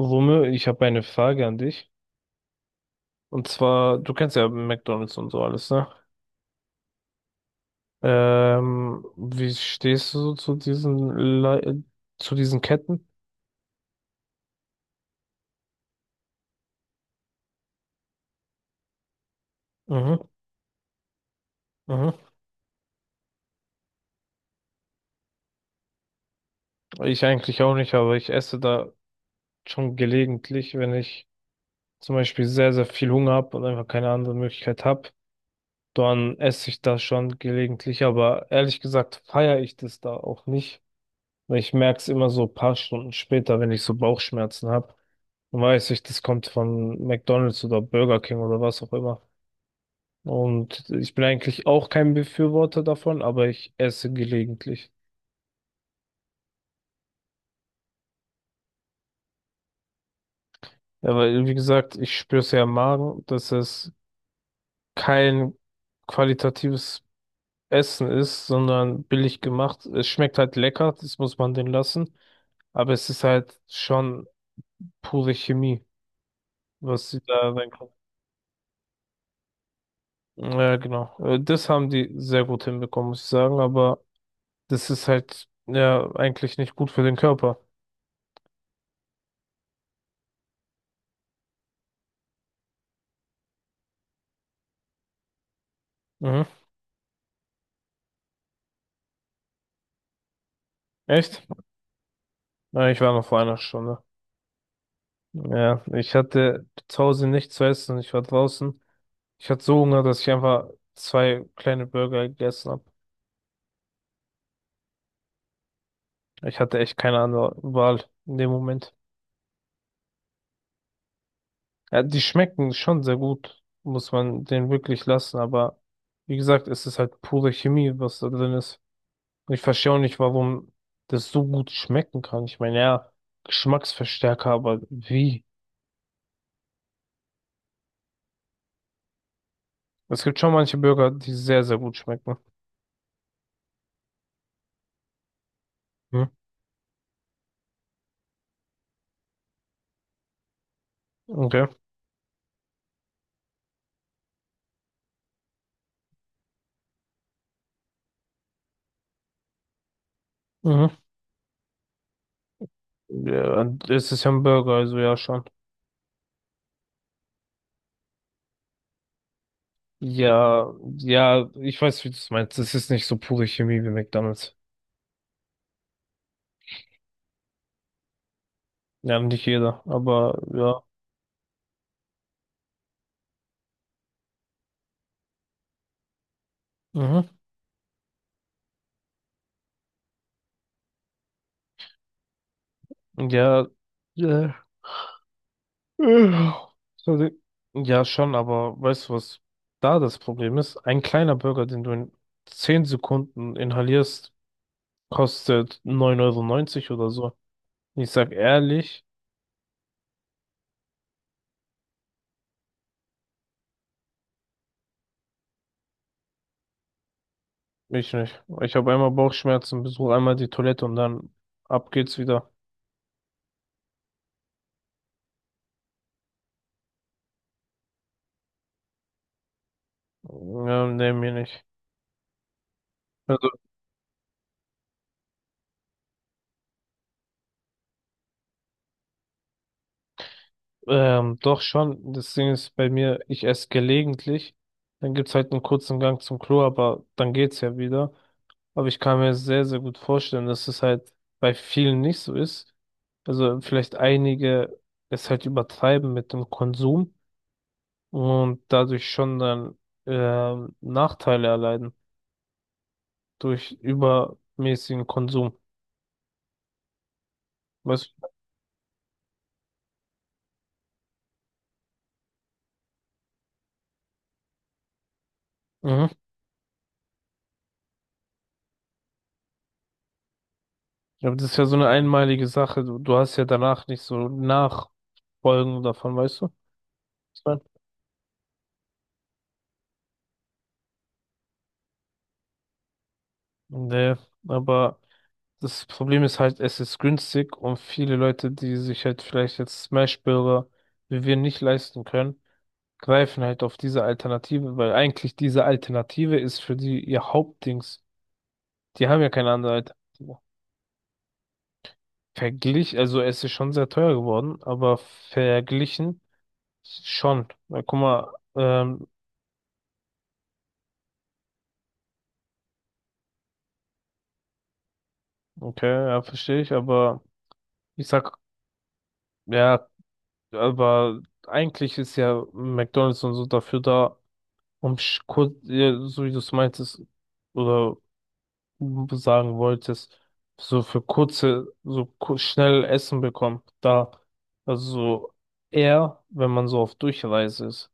Rumme, ich habe eine Frage an dich. Und zwar, du kennst ja McDonald's und so alles, ne? Wie stehst du so zu diesen Le zu diesen Ketten? Mhm, mhm. Ich eigentlich auch nicht, aber ich esse da schon gelegentlich, wenn ich zum Beispiel sehr, sehr viel Hunger habe und einfach keine andere Möglichkeit habe, dann esse ich das schon gelegentlich. Aber ehrlich gesagt feiere ich das da auch nicht, weil ich merke es immer so ein paar Stunden später, wenn ich so Bauchschmerzen habe. Weiß ich, das kommt von McDonald's oder Burger King oder was auch immer. Und ich bin eigentlich auch kein Befürworter davon, aber ich esse gelegentlich. Ja, weil, wie gesagt, ich spüre es ja im Magen, dass es kein qualitatives Essen ist, sondern billig gemacht. Es schmeckt halt lecker, das muss man denen lassen. Aber es ist halt schon pure Chemie, was sie da reinkommen. Ja, genau. Das haben die sehr gut hinbekommen, muss ich sagen, aber das ist halt ja eigentlich nicht gut für den Körper. Mhm. Echt? Ja, ich war noch vor einer Stunde. Ja, ich hatte zu Hause nichts zu essen. Ich war draußen. Ich hatte so Hunger, dass ich einfach zwei kleine Burger gegessen habe. Ich hatte echt keine andere Wahl in dem Moment. Ja, die schmecken schon sehr gut, muss man den wirklich lassen. Aber wie gesagt, es ist halt pure Chemie, was da drin ist. Und ich verstehe auch nicht, warum das so gut schmecken kann. Ich meine, ja, Geschmacksverstärker, aber wie? Es gibt schon manche Burger, die sehr, sehr gut schmecken. Hm. Okay. Mhm. Ja, und es ist ja ein Burger, also ja schon. Ja, ja, ich weiß, wie du es meinst. Es ist nicht so pure Chemie wie McDonald's. Ja, nicht jeder, aber ja. Mhm. Ja, ja. Äh, Sorry. Ja, schon, aber weißt du, was da das Problem ist? Ein kleiner Burger, den du in 10 Sekunden inhalierst, kostet 9,90 € oder so. Ich sag ehrlich. Ich nicht. Ich habe einmal Bauchschmerzen, besuche einmal die Toilette und dann ab geht's wieder. Ja, nee, mir nicht. Also, doch schon. Das Ding ist bei mir, ich esse gelegentlich. Dann gibt's halt einen kurzen Gang zum Klo, aber dann geht's ja wieder. Aber ich kann mir sehr, sehr gut vorstellen, dass es halt bei vielen nicht so ist. Also vielleicht einige es halt übertreiben mit dem Konsum und dadurch schon dann Nachteile erleiden durch übermäßigen Konsum. Was? Mhm. Ja, aber das ist ja so eine einmalige Sache. Du hast ja danach nicht so Nachfolgen davon, weißt du, was ich meine? Nee, aber das Problem ist halt, es ist günstig und viele Leute, die sich halt vielleicht jetzt Smash-Burger wie wir nicht leisten können, greifen halt auf diese Alternative, weil eigentlich diese Alternative ist für die ihr Hauptdings. Die haben ja keine andere Alternative. Also es ist schon sehr teuer geworden, aber verglichen schon. Na, guck mal, okay, ja, verstehe ich, aber ich sag, ja, aber eigentlich ist ja McDonald's und so dafür da, um ja, so wie du es meintest oder sagen wolltest, so für kurze, so schnell Essen bekommt, da, also eher, wenn man so auf Durchreise ist.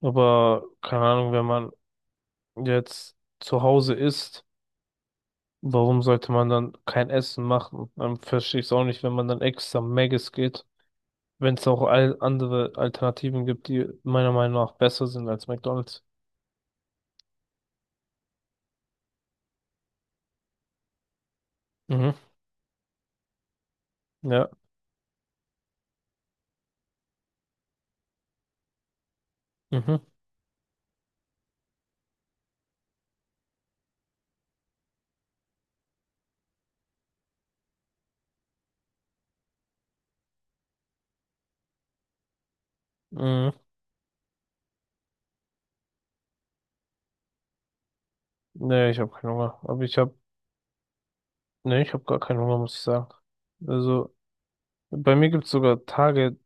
Aber keine Ahnung, wenn man jetzt zu Hause ist, warum sollte man dann kein Essen machen? Dann verstehe ich es auch nicht, wenn man dann extra Maggis geht. Wenn es auch all andere Alternativen gibt, die meiner Meinung nach besser sind als McDonald's. Mhm. Ja. Mhm. Mhm. Nee, ich habe keinen Hunger. Aber nee, ich habe gar keinen Hunger, muss ich sagen. Also, bei mir gibt es sogar Tage,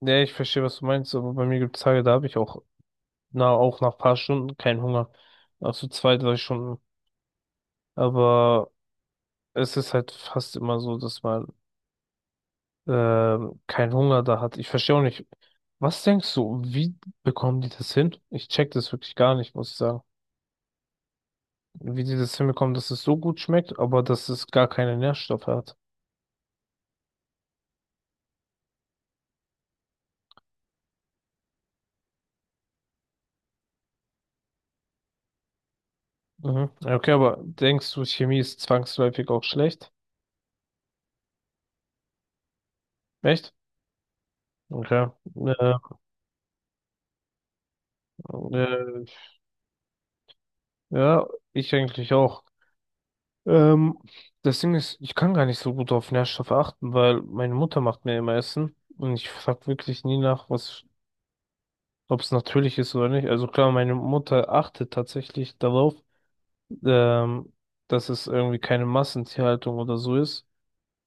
nee, ich verstehe, was du meinst, aber bei mir gibt es Tage, da habe ich auch, na, auch nach paar Stunden keinen Hunger. Nach so 2, 3 Stunden. Aber es ist halt fast immer so, dass man keinen Hunger da hat. Ich verstehe auch nicht. Was denkst du, wie bekommen die das hin? Ich check das wirklich gar nicht, muss ich sagen. Wie die das hinbekommen, dass es so gut schmeckt, aber dass es gar keine Nährstoffe hat. Mhm. Ja, okay, aber denkst du, Chemie ist zwangsläufig auch schlecht? Echt? Okay. Äh, äh, ja, ich eigentlich auch. Ähm, das Ding ist, ich kann gar nicht so gut auf Nährstoffe achten, weil meine Mutter macht mir immer Essen und ich frag wirklich nie nach, was ob es natürlich ist oder nicht. Also klar, meine Mutter achtet tatsächlich darauf, ähm, dass es irgendwie keine Massentierhaltung oder so ist.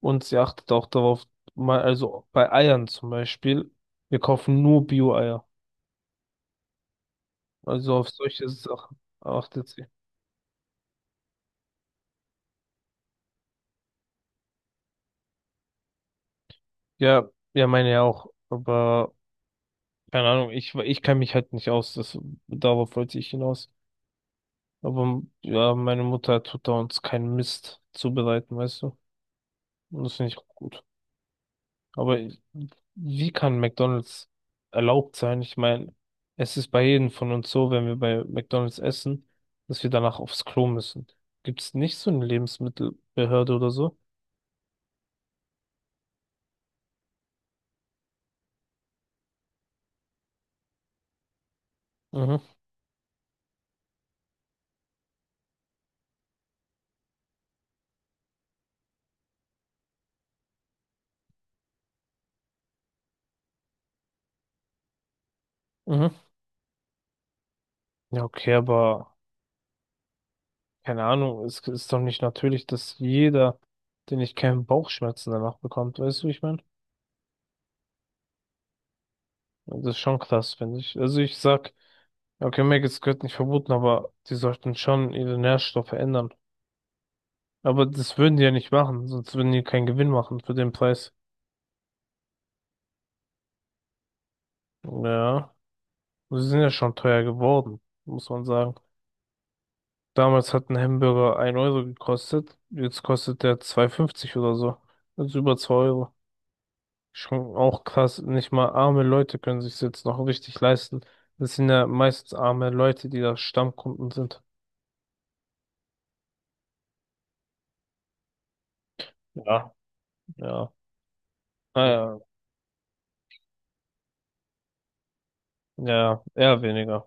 Und sie achtet auch darauf, mal, also bei Eiern zum Beispiel, wir kaufen nur Bio-Eier. Also auf solche Sachen achtet sie. Ja, ja, meine ja auch. Aber keine Ahnung, ich kenne mich halt nicht aus. Darauf wollte ich hinaus. Aber ja, meine Mutter tut da uns keinen Mist zubereiten, weißt du? Und das finde ich auch gut. Aber wie kann McDonald's erlaubt sein? Ich meine, es ist bei jedem von uns so, wenn wir bei McDonald's essen, dass wir danach aufs Klo müssen. Gibt es nicht so eine Lebensmittelbehörde oder so? Mhm, mhm. Ja, okay, aber keine Ahnung, es ist doch nicht natürlich, dass jeder, den ich kenne, Bauchschmerzen danach bekommt. Weißt du, wie ich meine? Das ist schon krass, finde ich. Also ich sag, ja, okay, Es gehört nicht verboten, aber die sollten schon ihre Nährstoffe ändern. Aber das würden die ja nicht machen, sonst würden die keinen Gewinn machen für den Preis. Ja, sie sind ja schon teuer geworden, muss man sagen. Damals hat ein Hamburger 1 Euro gekostet, jetzt kostet der 2,50 € oder so. Also über 2 Euro. Schon auch krass, nicht mal arme Leute können sich jetzt noch richtig leisten. Das sind ja meistens arme Leute, die da Stammkunden sind. Ja, ja. Naja, ja, eher weniger.